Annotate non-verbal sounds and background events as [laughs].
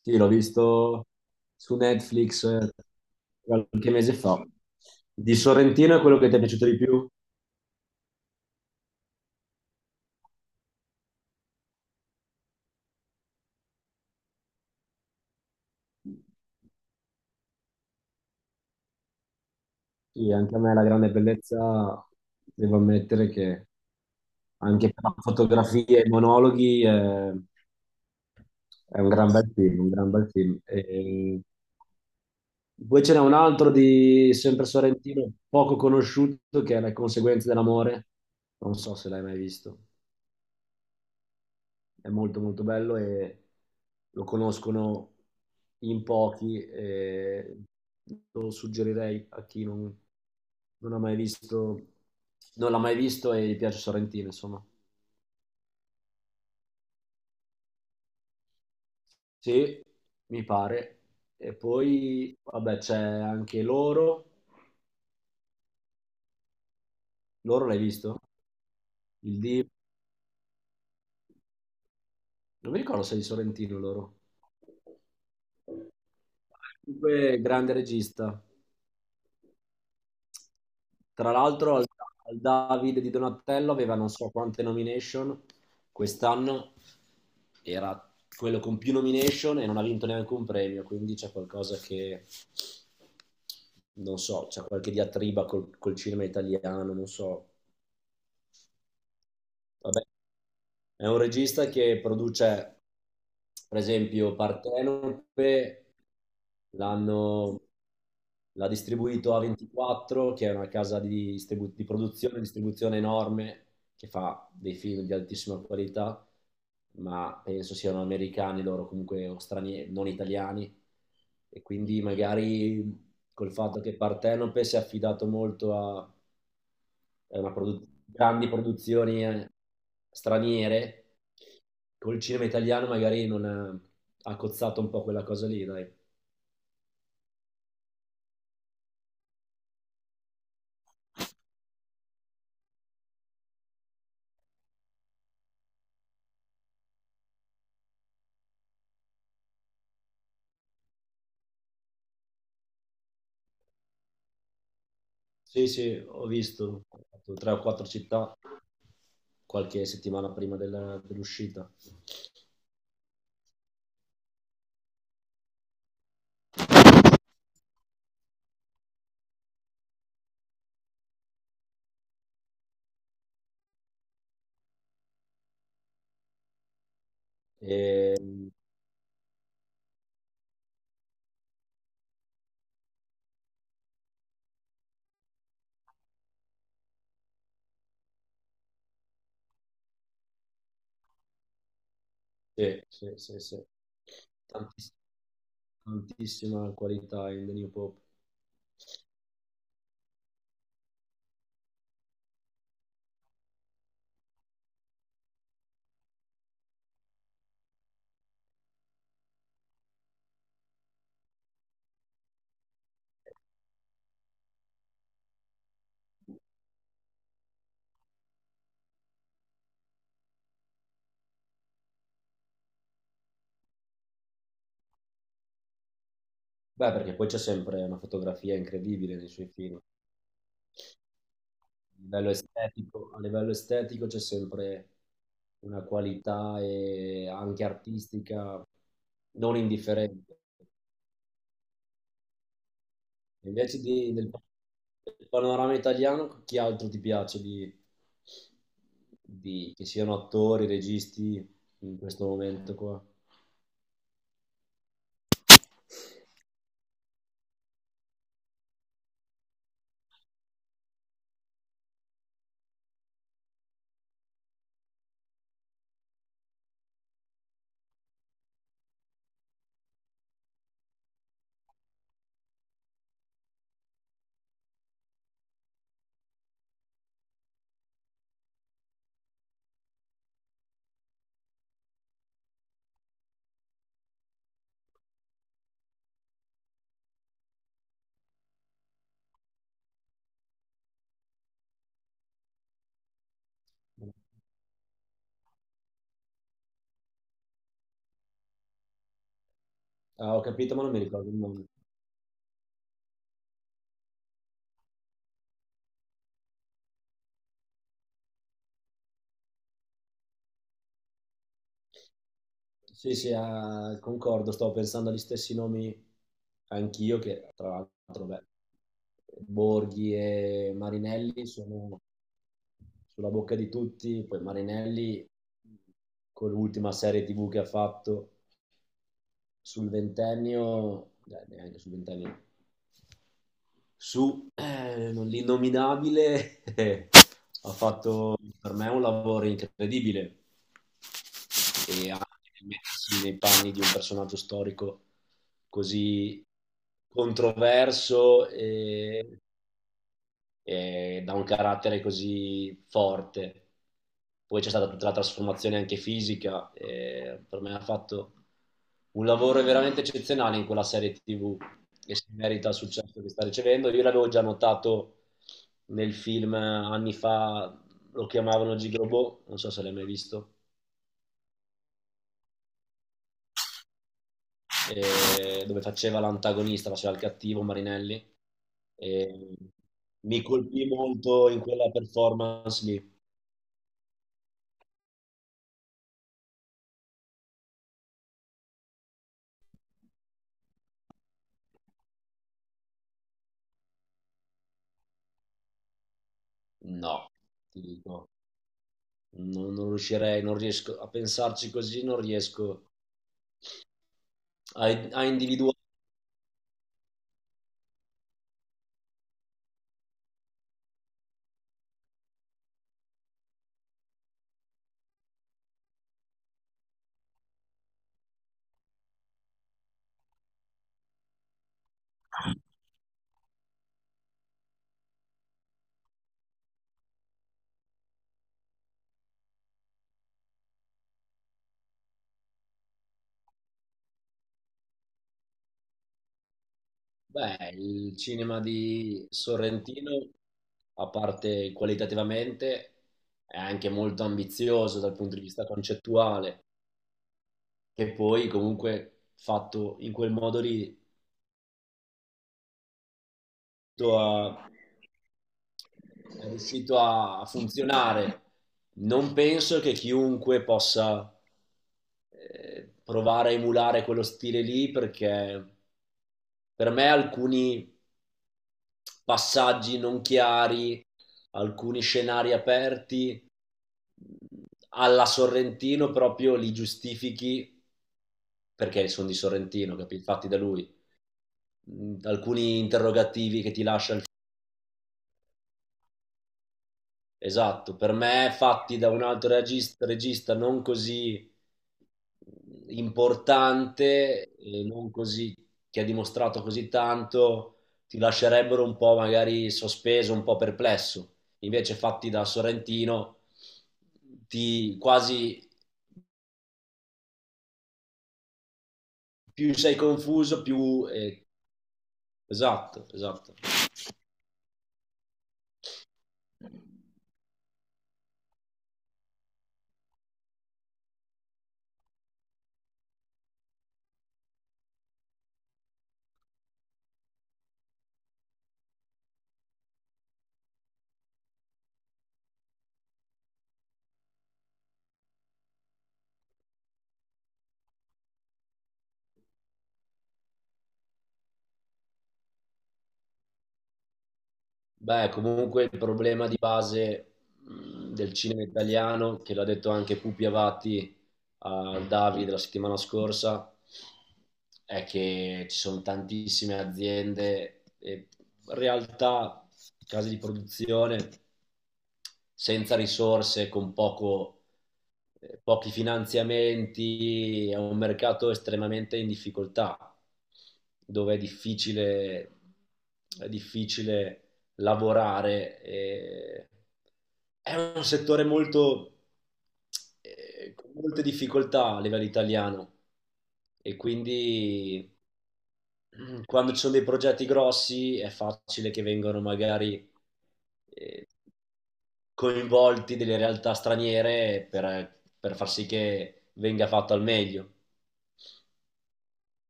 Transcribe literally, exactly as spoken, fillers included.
Sì, l'ho visto su Netflix eh, qualche mese fa. Di Sorrentino è quello che ti è piaciuto di più? Sì, anche a me la grande bellezza, devo ammettere che anche per la fotografia e i monologhi eh, è un gran bel film, un gran bel film. E eh, poi ce n'è un altro di sempre Sorrentino, poco conosciuto, che è Le conseguenze dell'amore. Non so se l'hai mai visto. È molto molto bello e lo conoscono in pochi e lo suggerirei a chi non, non ha mai visto, non l'ha mai visto e gli piace Sorrentino, insomma. Sì, mi pare. E poi, vabbè, c'è anche loro. Loro l'hai visto? Il D. Non mi ricordo se è di Sorrentino loro. Comunque, grande regista. Tra l'altro, al, al David di Donatello aveva non so quante nomination quest'anno, era quello con più nomination e non ha vinto neanche un premio, quindi c'è qualcosa che non so, c'è qualche diatriba col, col cinema italiano, non so. Vabbè, è un regista che produce, per esempio, Partenope. L'hanno L'ha distribuito a ventiquattro, che è una casa di, distribu- di produzione e distribuzione enorme, che fa dei film di altissima qualità, ma penso siano americani loro, comunque, o stranieri, non italiani. E quindi magari col fatto che Partenope si è affidato molto a, a una produ- grandi produzioni eh, straniere, col cinema italiano magari non ha, ha cozzato un po' quella cosa lì, dai. Sì, sì, ho visto ho fatto tre o quattro città qualche settimana prima della- dell'uscita. E, sì, sì, sì, sì. Tantiss- Tantissima qualità in The New Pope. Beh, perché poi c'è sempre una fotografia incredibile nei suoi film. A livello estetico, a livello estetico c'è sempre una qualità e anche artistica non indifferente. Invece di- del, del panorama italiano, chi altro ti piace di, di- che siano attori, registi in questo momento qua? Ah, ho capito, ma non mi ricordo il nome. Sì, sì, ah, concordo, stavo pensando agli stessi nomi anch'io, che tra l'altro, beh, Borghi e Marinelli sono sulla bocca di tutti, poi Marinelli con l'ultima serie tivù che ha fatto sul ventennio, eh, neanche sul ventennio, su eh, l'innominabile, [laughs] eh, ha fatto per me un lavoro incredibile e anche mettersi nei panni di un personaggio storico così controverso e eh, da un carattere così forte. Poi c'è stata tutta la trasformazione anche fisica, eh, per me ha fatto un lavoro veramente eccezionale in quella serie tivù che si merita il successo che sta ricevendo. Io l'avevo già notato nel film anni fa, lo chiamavano Gigrobot, non so se l'hai mai visto, eh, dove faceva l'antagonista, faceva il cattivo Marinelli. E mi colpì molto in quella performance lì. No, ti dico, non, non riuscirei, non riesco a pensarci così, non riesco a, a individuare. Beh, il cinema di Sorrentino, a parte qualitativamente, è anche molto ambizioso dal punto di vista concettuale, che poi comunque fatto in quel modo lì a, è riuscito a, a funzionare. Non penso che chiunque possa eh, provare a emulare quello stile lì, perché per me alcuni passaggi non chiari, alcuni scenari aperti alla Sorrentino proprio li giustifichi perché sono di Sorrentino, capito? Fatti da lui. Alcuni interrogativi che ti lascia il. Esatto, per me fatti da un altro regista, regista non così importante, eh, non così, che ha dimostrato così tanto, ti lascerebbero un po' magari sospeso, un po' perplesso. Invece fatti da Sorrentino, ti quasi più sei confuso, più. Eh, esatto, esatto. Beh, comunque il problema di base, mh, del cinema italiano, che l'ha detto anche Pupi Avati al Davide la settimana scorsa, è che ci sono tantissime aziende e realtà, case di produzione senza risorse, con poco- eh, pochi finanziamenti, è un mercato estremamente in difficoltà, dove è difficile, è difficile lavorare. E è un settore molto, eh, con molte difficoltà a livello italiano, e quindi mm, quando ci sono dei progetti grossi è facile che vengano magari eh, coinvolti delle realtà straniere per, per far sì che venga fatto al meglio.